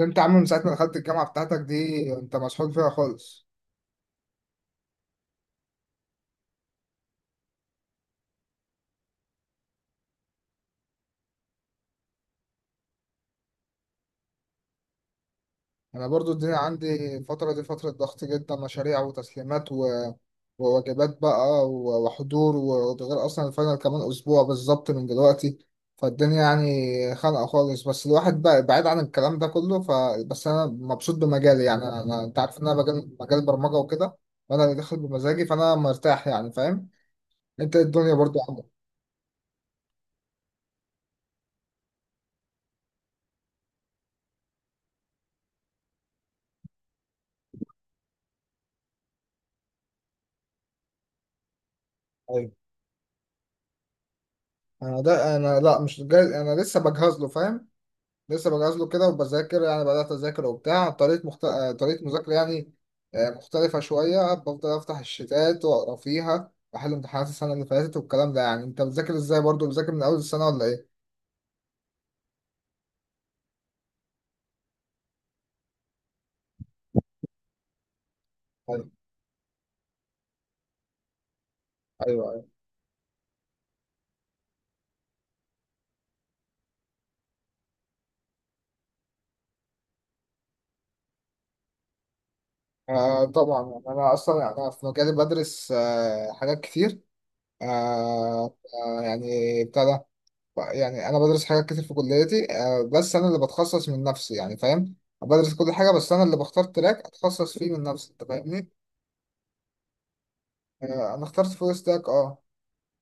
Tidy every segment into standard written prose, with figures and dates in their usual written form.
انت يا عم من ساعة ما دخلت الجامعة بتاعتك دي انت مسحول فيها خالص. انا برضو الدنيا عندي الفترة دي فترة ضغط جدا، مشاريع وتسليمات وواجبات بقى وحضور وده غير اصلا الفاينل كمان اسبوع بالظبط من دلوقتي. فالدنيا يعني خانقة خالص، بس الواحد بقى بعيد عن الكلام ده كله بس انا مبسوط بمجالي يعني انت عارف ان انا مجال برمجة وكده، وانا اللي داخل بمزاجي فانا مرتاح يعني فاهم. انت إيه الدنيا برضو عندك؟ ايوه. انا لا مش جاي، انا لسه بجهز له فاهم. لسه بجهز له كده وبذاكر، يعني بدأت أذاكر وبتاع طريقة مخت... آه، طريقة مذاكرة يعني مختلفة شوية. بفضل أفتح الشتات وأقرأ فيها وأحل امتحانات السنة اللي فاتت والكلام ده. يعني أنت بتذاكر إزاي، برضو بتذاكر من أول السنة ولا إيه؟ أيوه، أيوه، أيوه. آه طبعا، يعني أنا أصلا يعني أنا في مجالي بدرس حاجات كتير. آه، آه، يعني بتاع ده. يعني أنا بدرس حاجات كتير في كليتي، بس أنا اللي بتخصص من نفسي يعني فاهم؟ بدرس كل حاجة بس أنا اللي بختار تراك أتخصص فيه من نفسي، أنت فاهمني؟ آه، انا اخترت فول ستاك، اه.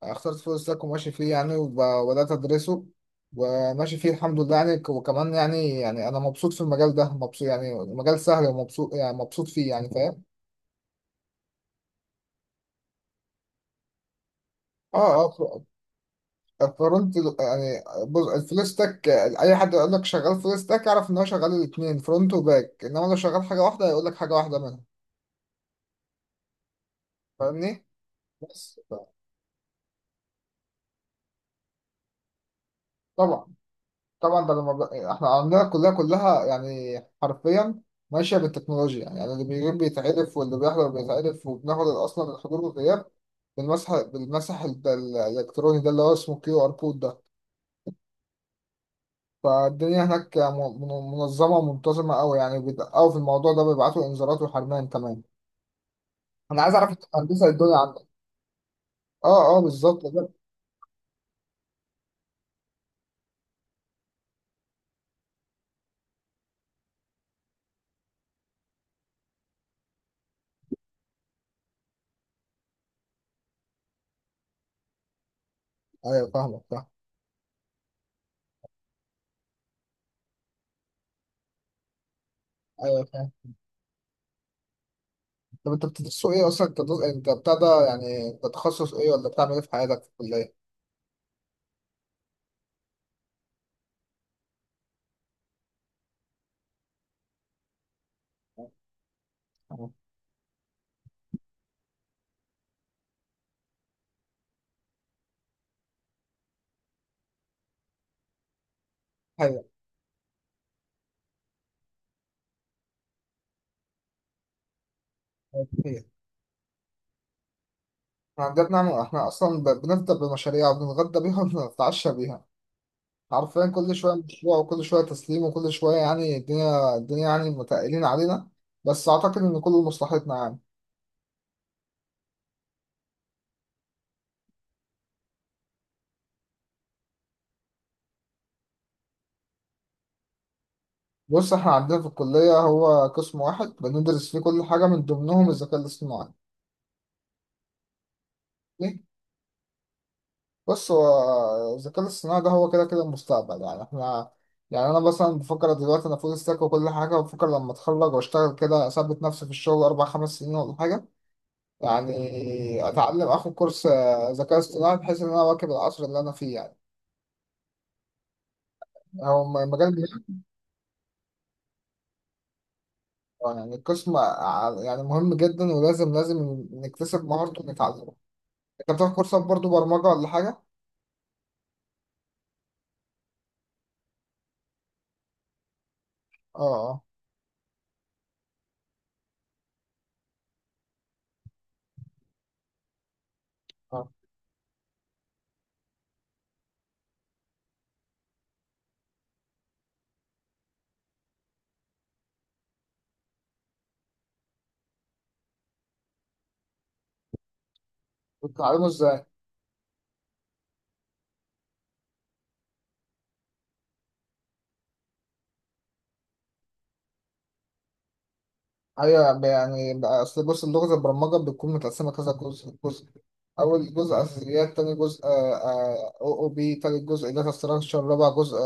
اخترت فول ستاك وماشي فيه يعني، وبدات ادرسه وماشي فيه الحمد لله يعني. وكمان يعني انا مبسوط في المجال ده، مبسوط، يعني مجال سهل ومبسوط، يعني مبسوط فيه يعني فاهم. اه، اه، فرونت يعني. بص الفول ستاك اي حد يقول لك شغال فول ستاك اعرف ان هو شغال الاثنين فرونت وباك، انما لو شغال حاجه واحده هيقول لك حاجه واحده منهم فاهمني. بس طبعا، طبعا. احنا عندنا كلها يعني حرفيا ماشيه بالتكنولوجيا، يعني اللي بيغيب بيتعرف واللي بيحضر بيتعرف، وبناخد اصلا الحضور والغياب بالمسح الالكتروني ده اللي هو اسمه QR code ده. فالدنيا هناك منظمه ومنتظمه قوي، يعني بيدققوا في الموضوع ده، بيبعتوا انذارات وحرمان كمان. انا عايز اعرف انت هندسه الدنيا عندك. اه اه بالظبط ده. ايوه فاهمك فاهم. ايوه فاهم. طب انت بتدرسوا ايه اصلا، انت انت بتاع ده يعني انت تخصص ايه ولا بتعمل ايه في حياتك في الكليه؟ هي. هي. احنا عندنا بنعمل، احنا اصلا بنفطر بمشاريع وبنتغدى بيها وبنتعشى بيها، حرفيا كل شويه مشروع وكل شويه تسليم وكل شويه، يعني الدنيا يعني متقلين علينا. بس اعتقد ان كله مصلحتنا يعني. بص احنا عندنا في الكليه هو قسم واحد بندرس فيه كل حاجه، من ضمنهم الذكاء الاصطناعي. ليه؟ بص هو الذكاء الاصطناعي ده هو كده كده المستقبل، يعني احنا، يعني انا مثلا بفكر دلوقتي انا فول ستاك وكل حاجه، وبفكر لما اتخرج واشتغل كده، اثبت نفسي في الشغل 4 5 سنين ولا حاجه، يعني اتعلم اخد كورس ذكاء اصطناعي بحيث ان انا اواكب العصر اللي انا فيه يعني. هو مجال مهم. آه، يعني القسم يعني مهم جدا، ولازم نكتسب مهارته ونتعلمه. انت بتاخد كورسات برضو برمجة ولا حاجة؟ اه، اه، اه. بتتعلمه ازاي؟ ايوه، اصل بص اللغه البرمجه بتكون متقسمه كذا جزء. جزء اول جزء اساسيات، تاني جزء OOP، تالت جزء داتا ستراكشر، رابع جزء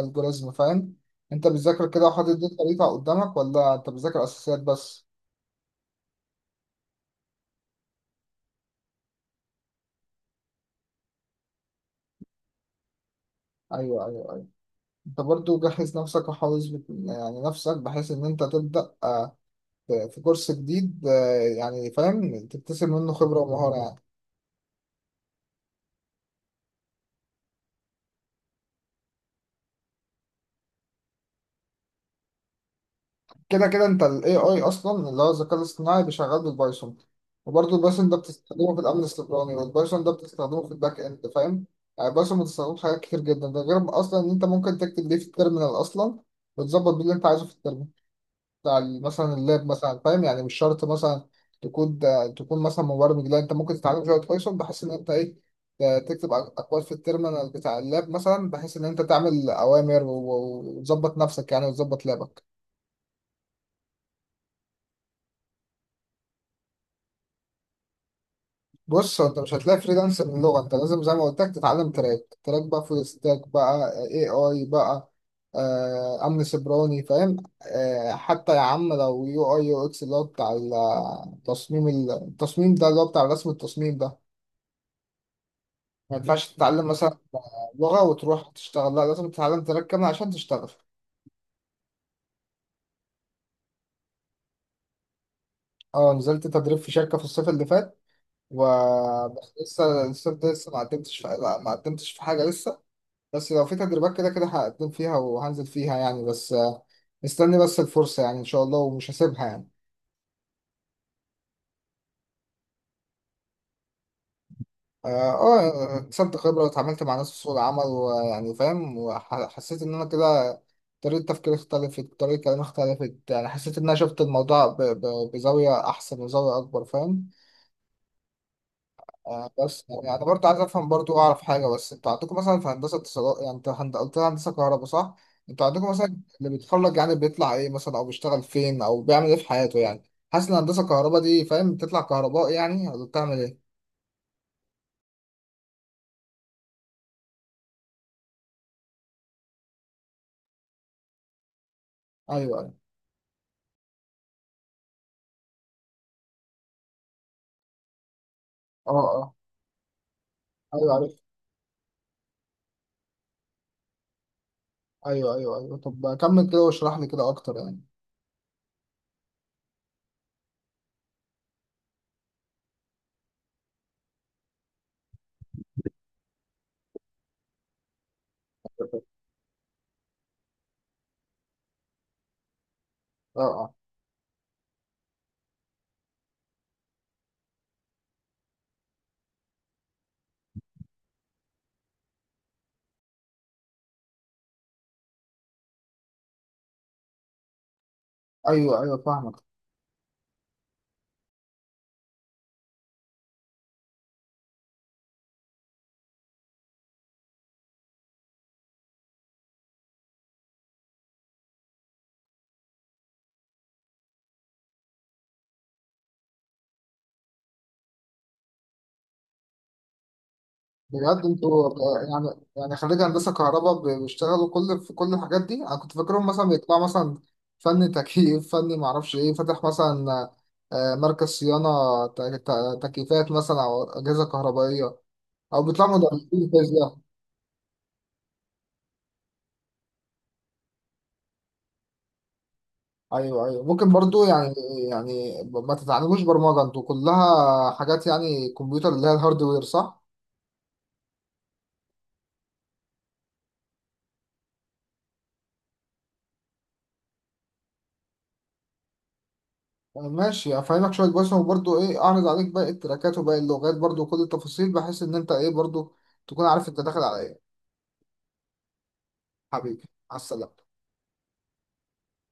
الجوريزم فاهم. انت بتذاكر كده وحاطط دي الطريقه قدامك، ولا انت بتذاكر اساسيات بس؟ ايوه، ايوه، ايوه. انت برضو جهز نفسك وحافظ يعني نفسك بحيث ان انت تبدا في في كورس جديد يعني فاهم، تكتسب منه خبره ومهاره يعني. كده كده انت ال AI اصلا اللي هو الذكاء الاصطناعي بيشغل بالبايثون، وبرضه البايثون ده بتستخدمه في الامن السيبراني، والبايثون ده بتستخدمه في الباك اند فاهم. يعني البايثون بتستخدمه في حاجات كتير جدا، ده غير اصلا ان انت ممكن تكتب بيه في التيرمينال اصلا، وتظبط بيه اللي انت عايزه في التيرمينال بتاع مثلا اللاب مثلا فاهم. يعني مش شرط مثلا تكون، تكون مثلا مبرمج، لا انت ممكن تتعلم شويه بايثون بحيث ان انت ايه، تكتب اكواد في التيرمينال بتاع اللاب مثلا، بحيث ان انت تعمل اوامر وتظبط نفسك يعني وتظبط لابك. بص هو انت مش هتلاقي فريلانس باللغه، انت لازم زي ما قلت لك تتعلم تراك، تراك بقى فول ستاك، بقى اي اي، بقى امن سيبراني فاهم. آه، حتى يا عم لو UI UX اللي هو بتاع التصميم، التصميم ده اللي هو بتاع رسم التصميم ده، ما ينفعش تتعلم مثلا لغه وتروح تشتغل، لا لازم تتعلم تراك كامل عشان تشتغل. اه نزلت تدريب في شركه في الصيف اللي فات و بس لسه لسه لسه ما قدمتش في... لا، ما قدمتش في حاجه لسه، بس لو في تدريبات كده كده هقدم فيها وهنزل فيها يعني، بس مستني بس الفرصة يعني إن شاء الله ومش هسيبها يعني. آه، اكتسبت خبرة واتعاملت مع ناس في سوق العمل، ويعني فاهم، وحسيت إن أنا كده طريقة تفكيري اختلفت، طريقة كلامي اختلفت، يعني حسيت إن أنا شفت الموضوع بزاوية أحسن وزاوية أكبر فاهم. آه بس يعني برضه عايز افهم، برضه اعرف حاجه، بس انتوا عندكم مثلا في هندسه اتصالات يعني، انت قلت لي هندسه كهرباء صح؟ انتوا عندكم مثلا اللي بيتخرج يعني بيطلع ايه مثلا، او بيشتغل فين، او بيعمل ايه في حياته يعني؟ حاسس ان هندسه كهرباء دي فاهم بتطلع كهرباء يعني، ولا بتعمل ايه؟ ايوه، ايوه. اه، اه. ايوه عارف. ايوه، ايوه، ايوه. طب كمل كده واشرح لي كده اكتر يعني. اه، اه. ايوه، ايوه، فاهمك. بجد انتوا يعني، يعني خريج هندسة كهرباء بيشتغلوا كل في كل الحاجات دي، انا كنت فاكرهم مثلا بيطلعوا مثلا فني تكييف، فني معرفش ايه، فاتح مثلا مركز صيانة تكييفات مثلا او اجهزة كهربائية، او بيطلعوا مدرسين فيزياء. ايوه، ايوه، ممكن برضو يعني. يعني ما تتعلموش برمجة؟ انتوا كلها حاجات يعني كمبيوتر اللي هي الهاردوير صح؟ آه، ماشي افهمك شويه بس، وبرضه ايه اعرض عليك باقي التراكات وباقي اللغات برضه وكل التفاصيل، بحيث ان انت ايه برضه تكون عارف انت داخل على ايه. حبيبي على السلامه.